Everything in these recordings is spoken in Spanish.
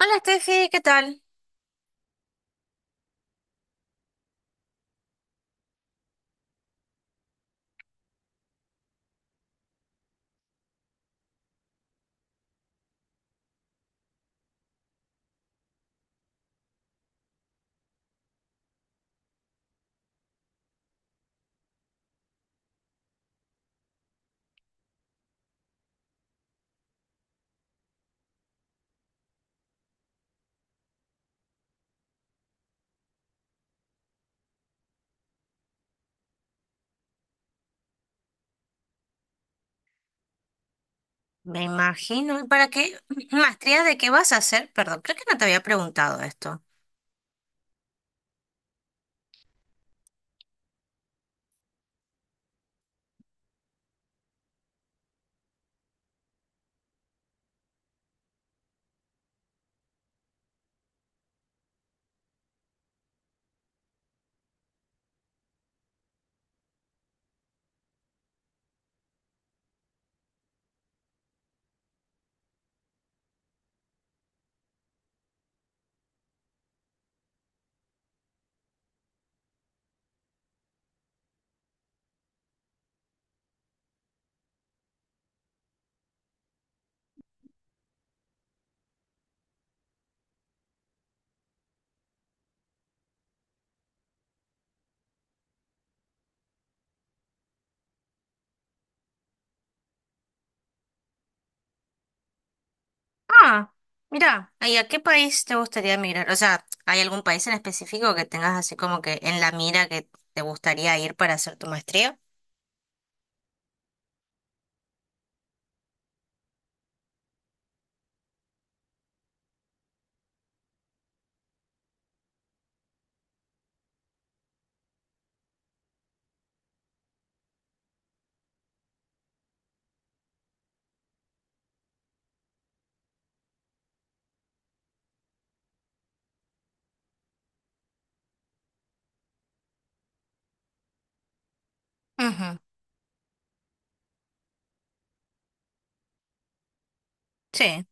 Hola Steffi, ¿qué tal? Me imagino. ¿Y para qué maestría de qué vas a hacer? Perdón, creo que no te había preguntado esto. Ah, mira, ¿y a qué país te gustaría emigrar? O sea, ¿hay algún país en específico que tengas así como que en la mira que te gustaría ir para hacer tu maestría? Ujú. Sí,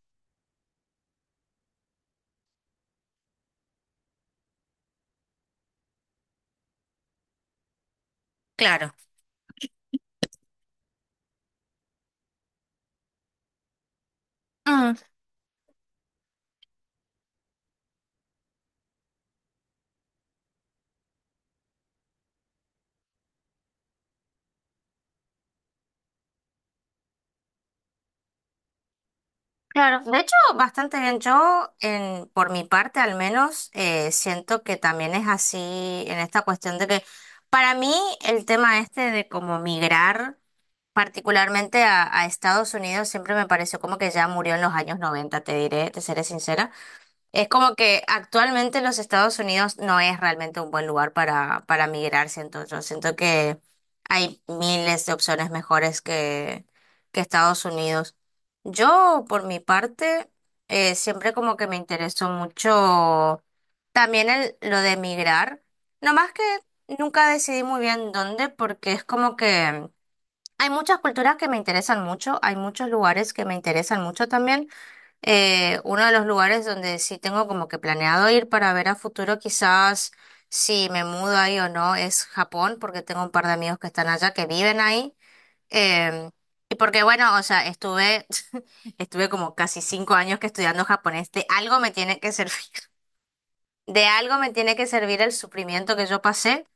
claro. Mm, claro. De hecho, bastante bien. Yo, en, por mi parte al menos, siento que también es así en esta cuestión de que para mí el tema este de cómo migrar. Particularmente a Estados Unidos siempre me pareció como que ya murió en los años 90, te diré, te seré sincera. Es como que actualmente los Estados Unidos no es realmente un buen lugar para migrar, siento yo. Siento que hay miles de opciones mejores que Estados Unidos. Yo, por mi parte, siempre como que me interesó mucho también el, lo de migrar. No más que nunca decidí muy bien dónde, porque es como que... Hay muchas culturas que me interesan mucho, hay muchos lugares que me interesan mucho también. Uno de los lugares donde sí tengo como que planeado ir para ver a futuro, quizás si me mudo ahí o no, es Japón, porque tengo un par de amigos que están allá, que viven ahí. Em, y porque bueno, o sea, estuve como casi 5 años que estudiando japonés, de algo me tiene que servir, de algo me tiene que servir el sufrimiento que yo pasé.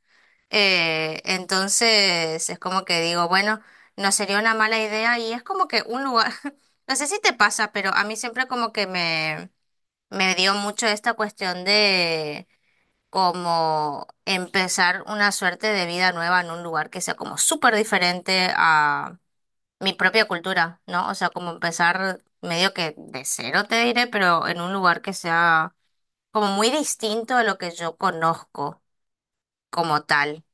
Entonces es como que digo, bueno, no sería una mala idea y es como que un lugar, no sé si te pasa, pero a mí siempre como que me dio mucho esta cuestión de como empezar una suerte de vida nueva en un lugar que sea como súper diferente a mi propia cultura, ¿no? O sea, como empezar medio que de cero te diré, pero en un lugar que sea como muy distinto a lo que yo conozco como tal.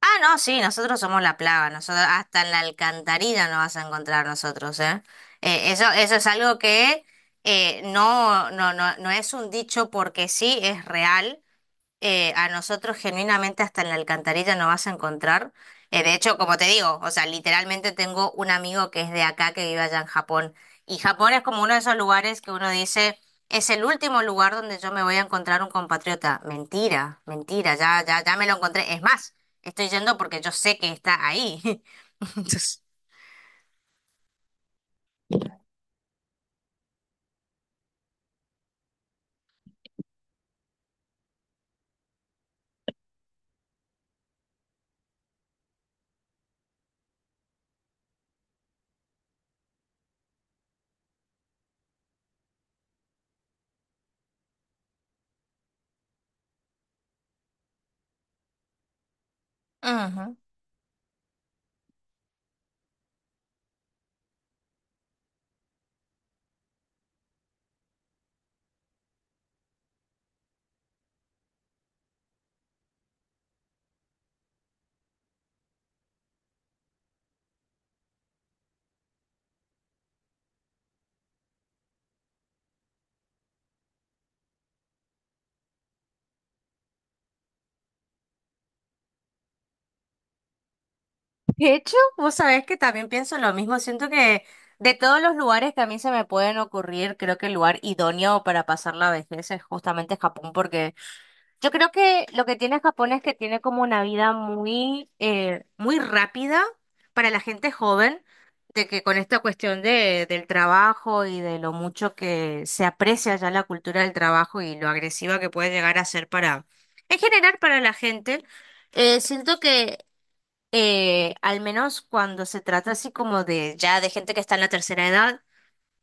Ah, no, sí, nosotros somos la plaga, nosotros hasta en la alcantarilla nos vas a encontrar nosotros, ¿eh? Eso es algo que no es un dicho porque sí, es real. A nosotros genuinamente hasta en la alcantarilla no vas a encontrar. De hecho, como te digo, o sea, literalmente tengo un amigo que es de acá, que vive allá en Japón. Y Japón es como uno de esos lugares que uno dice, es el último lugar donde yo me voy a encontrar un compatriota. Mentira, mentira, ya, ya, ya me lo encontré. Es más, estoy yendo porque yo sé que está ahí. Entonces, ujú. De hecho, vos sabés que también pienso lo mismo. Siento que de todos los lugares que a mí se me pueden ocurrir, creo que el lugar idóneo para pasar la vejez es justamente Japón, porque yo creo que lo que tiene Japón es que tiene como una vida muy, muy rápida para la gente joven, de que con esta cuestión del trabajo y de lo mucho que se aprecia ya la cultura del trabajo y lo agresiva que puede llegar a ser para, en general, para la gente. Siento que Al menos cuando se trata así como de ya de gente que está en la tercera edad,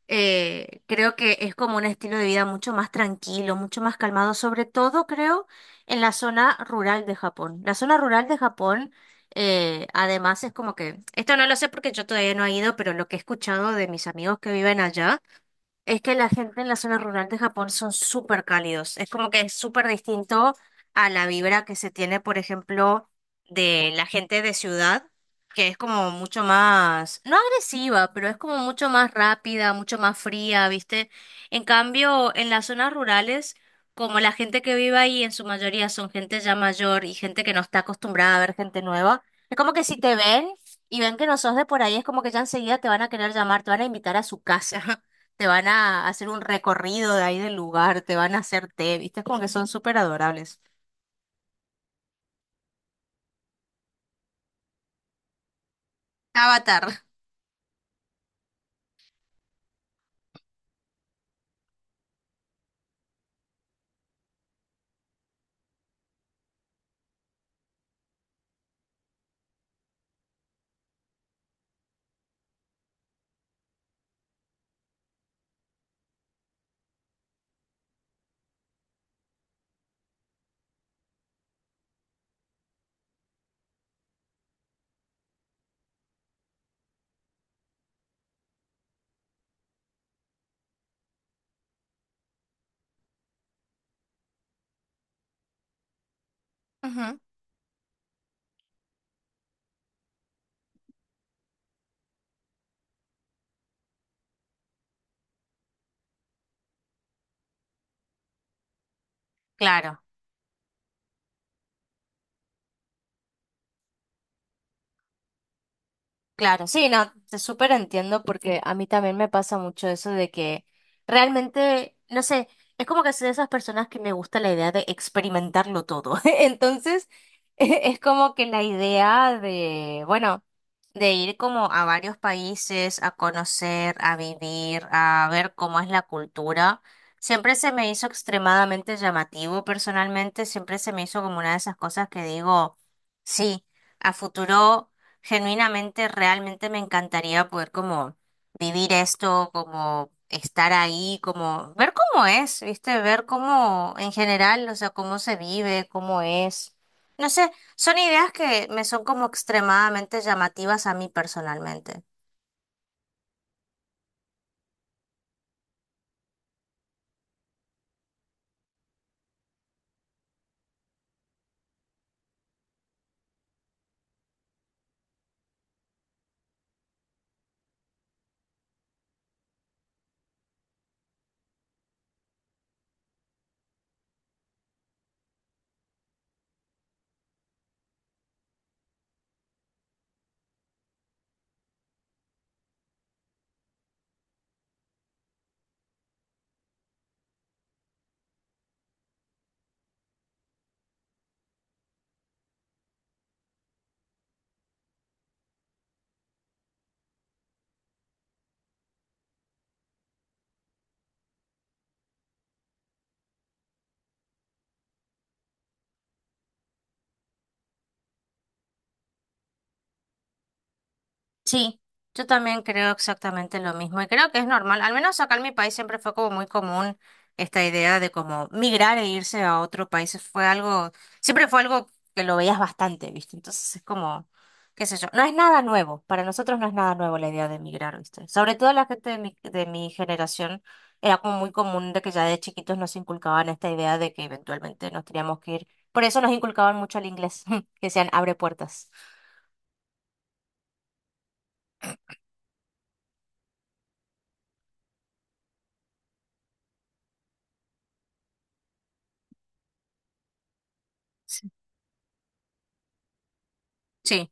creo que es como un estilo de vida mucho más tranquilo, mucho más calmado, sobre todo creo en la zona rural de Japón. La zona rural de Japón, además es como que, esto no lo sé porque yo todavía no he ido, pero lo que he escuchado de mis amigos que viven allá, es que la gente en la zona rural de Japón son súper cálidos. Es como que es súper distinto a la vibra que se tiene, por ejemplo, de la gente de ciudad, que es como mucho más, no agresiva, pero es como mucho más rápida, mucho más fría, ¿viste? En cambio, en las zonas rurales, como la gente que vive ahí en su mayoría son gente ya mayor y gente que no está acostumbrada a ver gente nueva, es como que si te ven y ven que no sos de por ahí, es como que ya enseguida te van a querer llamar, te van a invitar a su casa. Te van a hacer un recorrido de ahí del lugar, te van a hacer té, ¿viste? Es como que son súper adorables. Avatar. Ujú. Claro. Claro, sí, no, te súper entiendo porque a mí también me pasa mucho eso de que realmente, no sé, es como que soy de esas personas que me gusta la idea de experimentarlo todo. Entonces, e- es como que la idea de, bueno, de ir como a varios países, a conocer, a vivir, a ver cómo es la cultura, siempre se me hizo extremadamente llamativo personalmente, siempre se me hizo como una de esas cosas que digo, sí, a futuro genuinamente, realmente me encantaría poder como vivir esto, como estar ahí, como ver cómo es, ¿viste? Ver cómo en general, o sea, cómo se vive, cómo es. No sé, son ideas que me son como extremadamente llamativas a mí personalmente. Sí, yo también creo exactamente lo mismo y creo que es normal. Al menos acá en mi país siempre fue como muy común esta idea de como migrar e irse a otro país. Fue algo, siempre fue algo que lo veías bastante, ¿viste? Entonces es como, qué sé yo, no es nada nuevo. Para nosotros no es nada nuevo la idea de migrar, ¿viste? Sobre todo la gente de mi generación era como muy común de que ya de chiquitos nos inculcaban esta idea de que eventualmente nos teníamos que ir. Por eso nos inculcaban mucho el inglés, que sean abre puertas. Sí.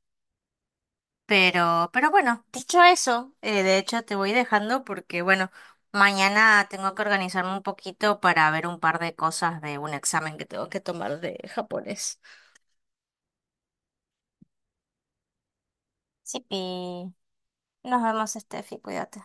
Pero bueno, dicho eso, de hecho te voy dejando porque, bueno, mañana tengo que organizarme un poquito para ver un par de cosas de un examen que tengo que tomar de japonés. Sí, pi. Nos vemos, Steffi, cuídate.